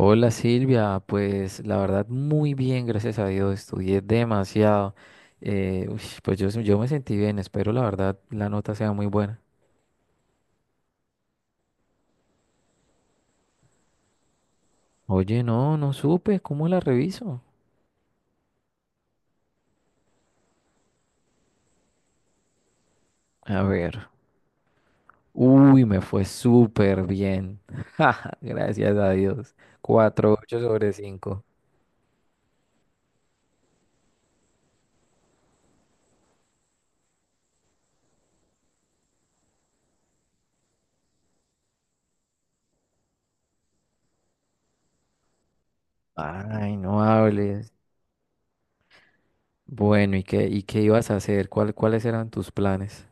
Hola Silvia, pues la verdad muy bien, gracias a Dios, estudié demasiado. Pues yo me sentí bien, espero la verdad la nota sea muy buena. Oye, no supe. ¿Cómo la reviso? A ver, uy, me fue súper bien. Ja, gracias a Dios. 4.8 sobre 5. Ay, no hables. Bueno, ¿y qué ibas a hacer? ¿Cuál, cuáles eran tus planes?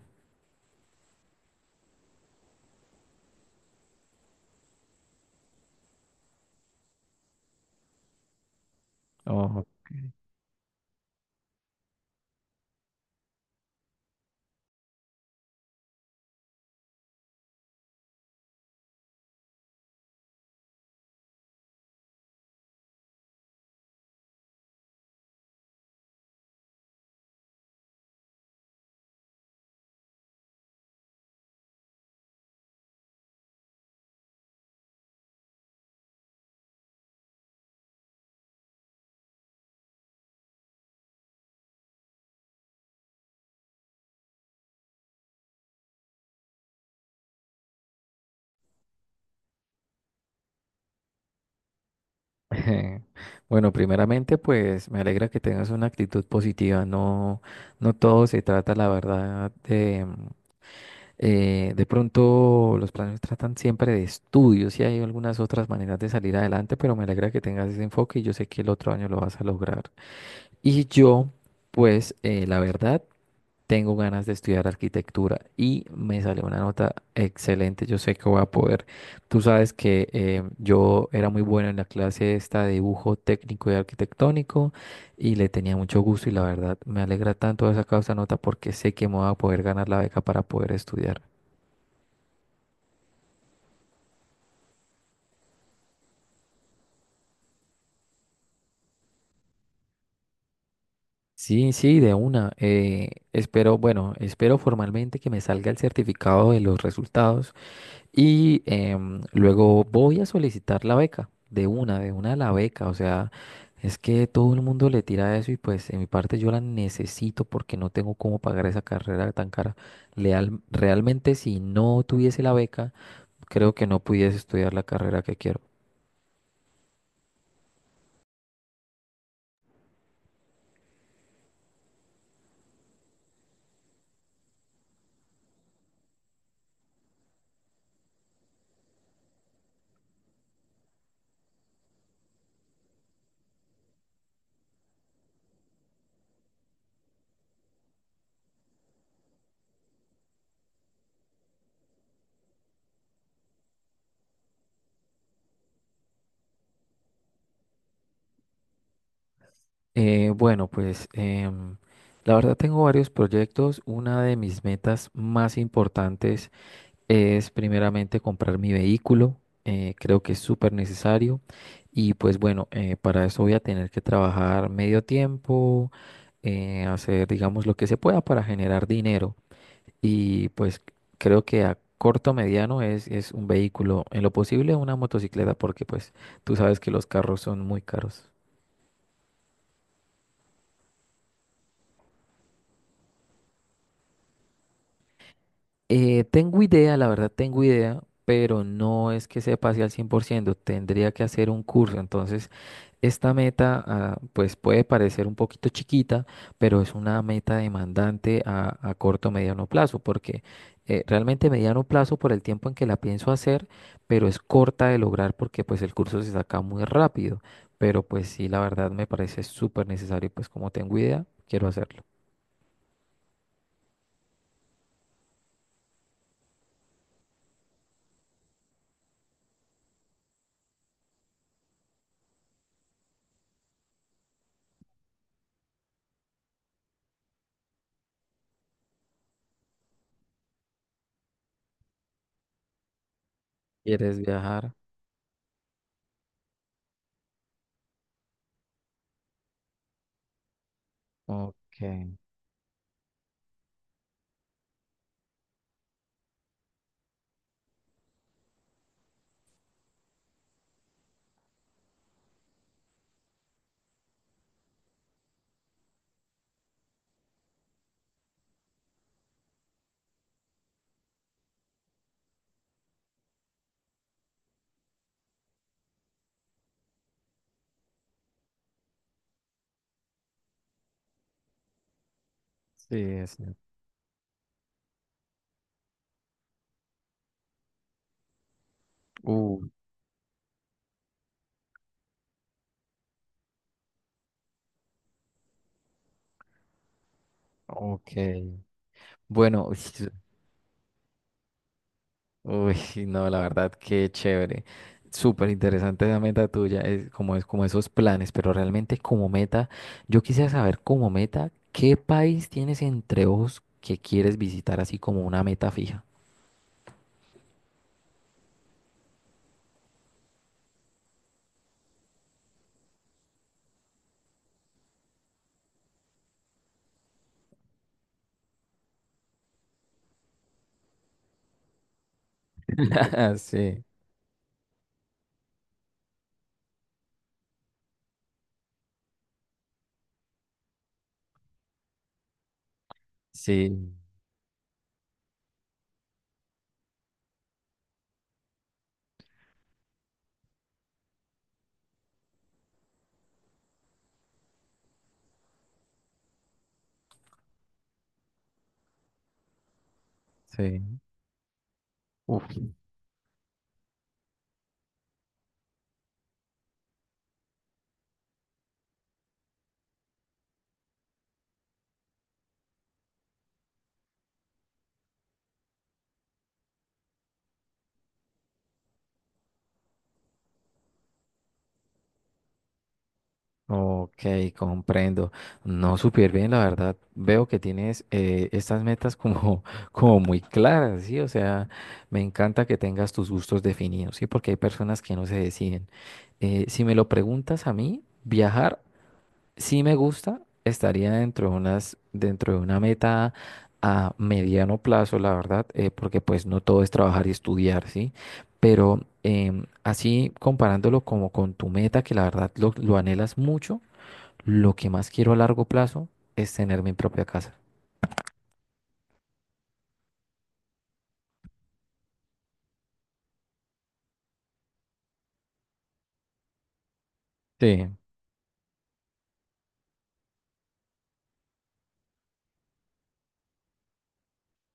Bueno, primeramente, pues me alegra que tengas una actitud positiva. No, no todo se trata, la verdad, de pronto los planes tratan siempre de estudios y hay algunas otras maneras de salir adelante, pero me alegra que tengas ese enfoque y yo sé que el otro año lo vas a lograr. Y yo, pues, la verdad tengo ganas de estudiar arquitectura y me sale una nota excelente. Yo sé que voy a poder. Tú sabes que yo era muy bueno en la clase esta de dibujo técnico y arquitectónico y le tenía mucho gusto, y la verdad me alegra tanto haber sacado esa nota porque sé que me voy a poder ganar la beca para poder estudiar. Sí, sí, de una. Espero, bueno, espero formalmente que me salga el certificado de los resultados. Y luego voy a solicitar la beca, de una la beca. O sea, es que todo el mundo le tira eso y pues en mi parte yo la necesito porque no tengo cómo pagar esa carrera tan cara. Realmente, si no tuviese la beca, creo que no pudiese estudiar la carrera que quiero. Bueno, pues la verdad tengo varios proyectos. Una de mis metas más importantes es primeramente comprar mi vehículo. Creo que es súper necesario. Y pues bueno, para eso voy a tener que trabajar medio tiempo, hacer, digamos, lo que se pueda para generar dinero. Y pues creo que a corto mediano es un vehículo, en lo posible una motocicleta, porque pues tú sabes que los carros son muy caros. Tengo idea, la verdad tengo idea, pero no es que sepa así al 100%. Tendría que hacer un curso. Entonces esta meta pues puede parecer un poquito chiquita, pero es una meta demandante a corto mediano plazo, porque realmente mediano plazo por el tiempo en que la pienso hacer, pero es corta de lograr porque pues el curso se saca muy rápido, pero pues sí, la verdad me parece súper necesario, pues como tengo idea, quiero hacerlo. ¿Quieres viajar? Ok, sí, es. Uh, ok. Bueno, uy, uy, sí, no, la verdad, qué chévere. Súper interesante esa meta tuya, es como esos planes, pero realmente como meta, yo quisiera saber como meta, ¿qué país tienes entre ojos que quieres visitar así como una meta fija? Sí, sí, sí. Uf. Ok, comprendo. No, súper bien, la verdad. Veo que tienes estas metas como, como muy claras, ¿sí? O sea, me encanta que tengas tus gustos definidos, ¿sí? Porque hay personas que no se deciden. Si me lo preguntas a mí, viajar sí me gusta, estaría dentro de unas, dentro de una meta a mediano plazo, la verdad, porque pues no todo es trabajar y estudiar, ¿sí? Pero así comparándolo como con tu meta, que la verdad lo anhelas mucho. Lo que más quiero a largo plazo es tener mi propia casa. Sí,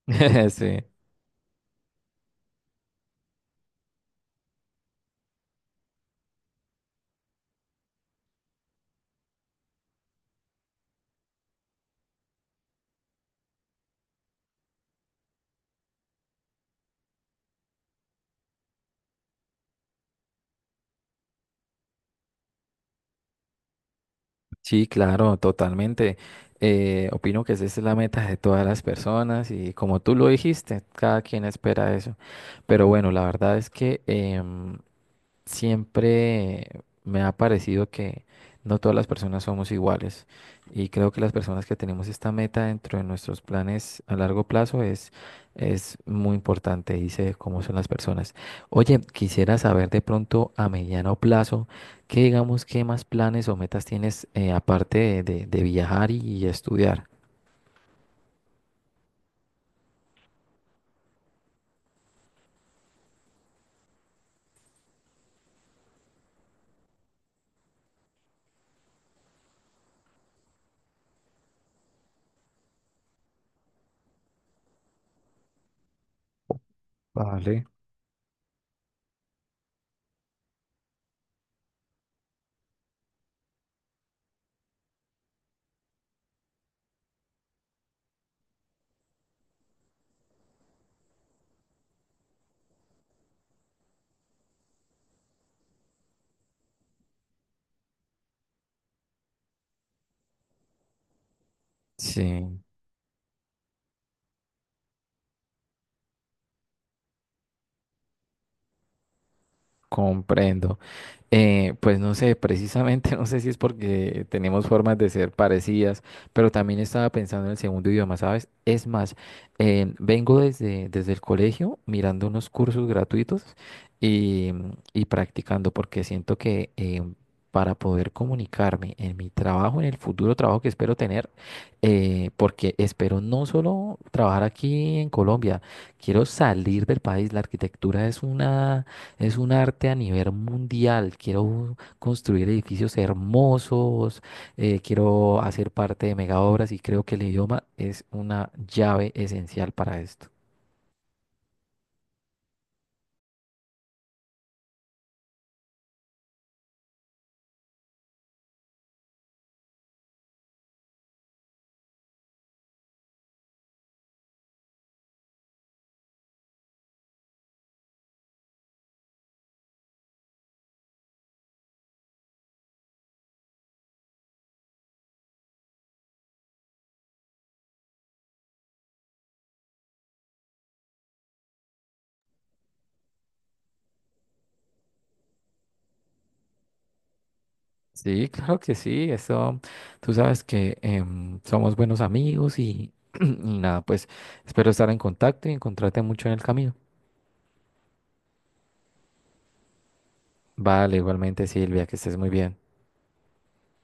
sí, sí, claro, totalmente. Opino que esa es la meta de todas las personas y como tú lo dijiste, cada quien espera eso. Pero bueno, la verdad es que siempre me ha parecido que no todas las personas somos iguales, y creo que las personas que tenemos esta meta dentro de nuestros planes a largo plazo es muy importante, dice cómo son las personas. Oye, quisiera saber de pronto a mediano plazo, ¿qué digamos, qué más planes o metas tienes aparte de, de viajar y estudiar? Vale. Sí, comprendo. Pues no sé, precisamente no sé si es porque tenemos formas de ser parecidas, pero también estaba pensando en el segundo idioma, ¿sabes? Es más, vengo desde, desde el colegio mirando unos cursos gratuitos y, y practicando, porque siento que para poder comunicarme en mi trabajo, en el futuro trabajo que espero tener, porque espero no solo trabajar aquí en Colombia, quiero salir del país, la arquitectura es una es un arte a nivel mundial. Quiero construir edificios hermosos, quiero hacer parte de mega obras y creo que el idioma es una llave esencial para esto. Sí, claro que sí. Eso, tú sabes que somos buenos amigos y, y nada, pues espero estar en contacto y encontrarte mucho en el camino. Vale, igualmente Silvia, que estés muy bien.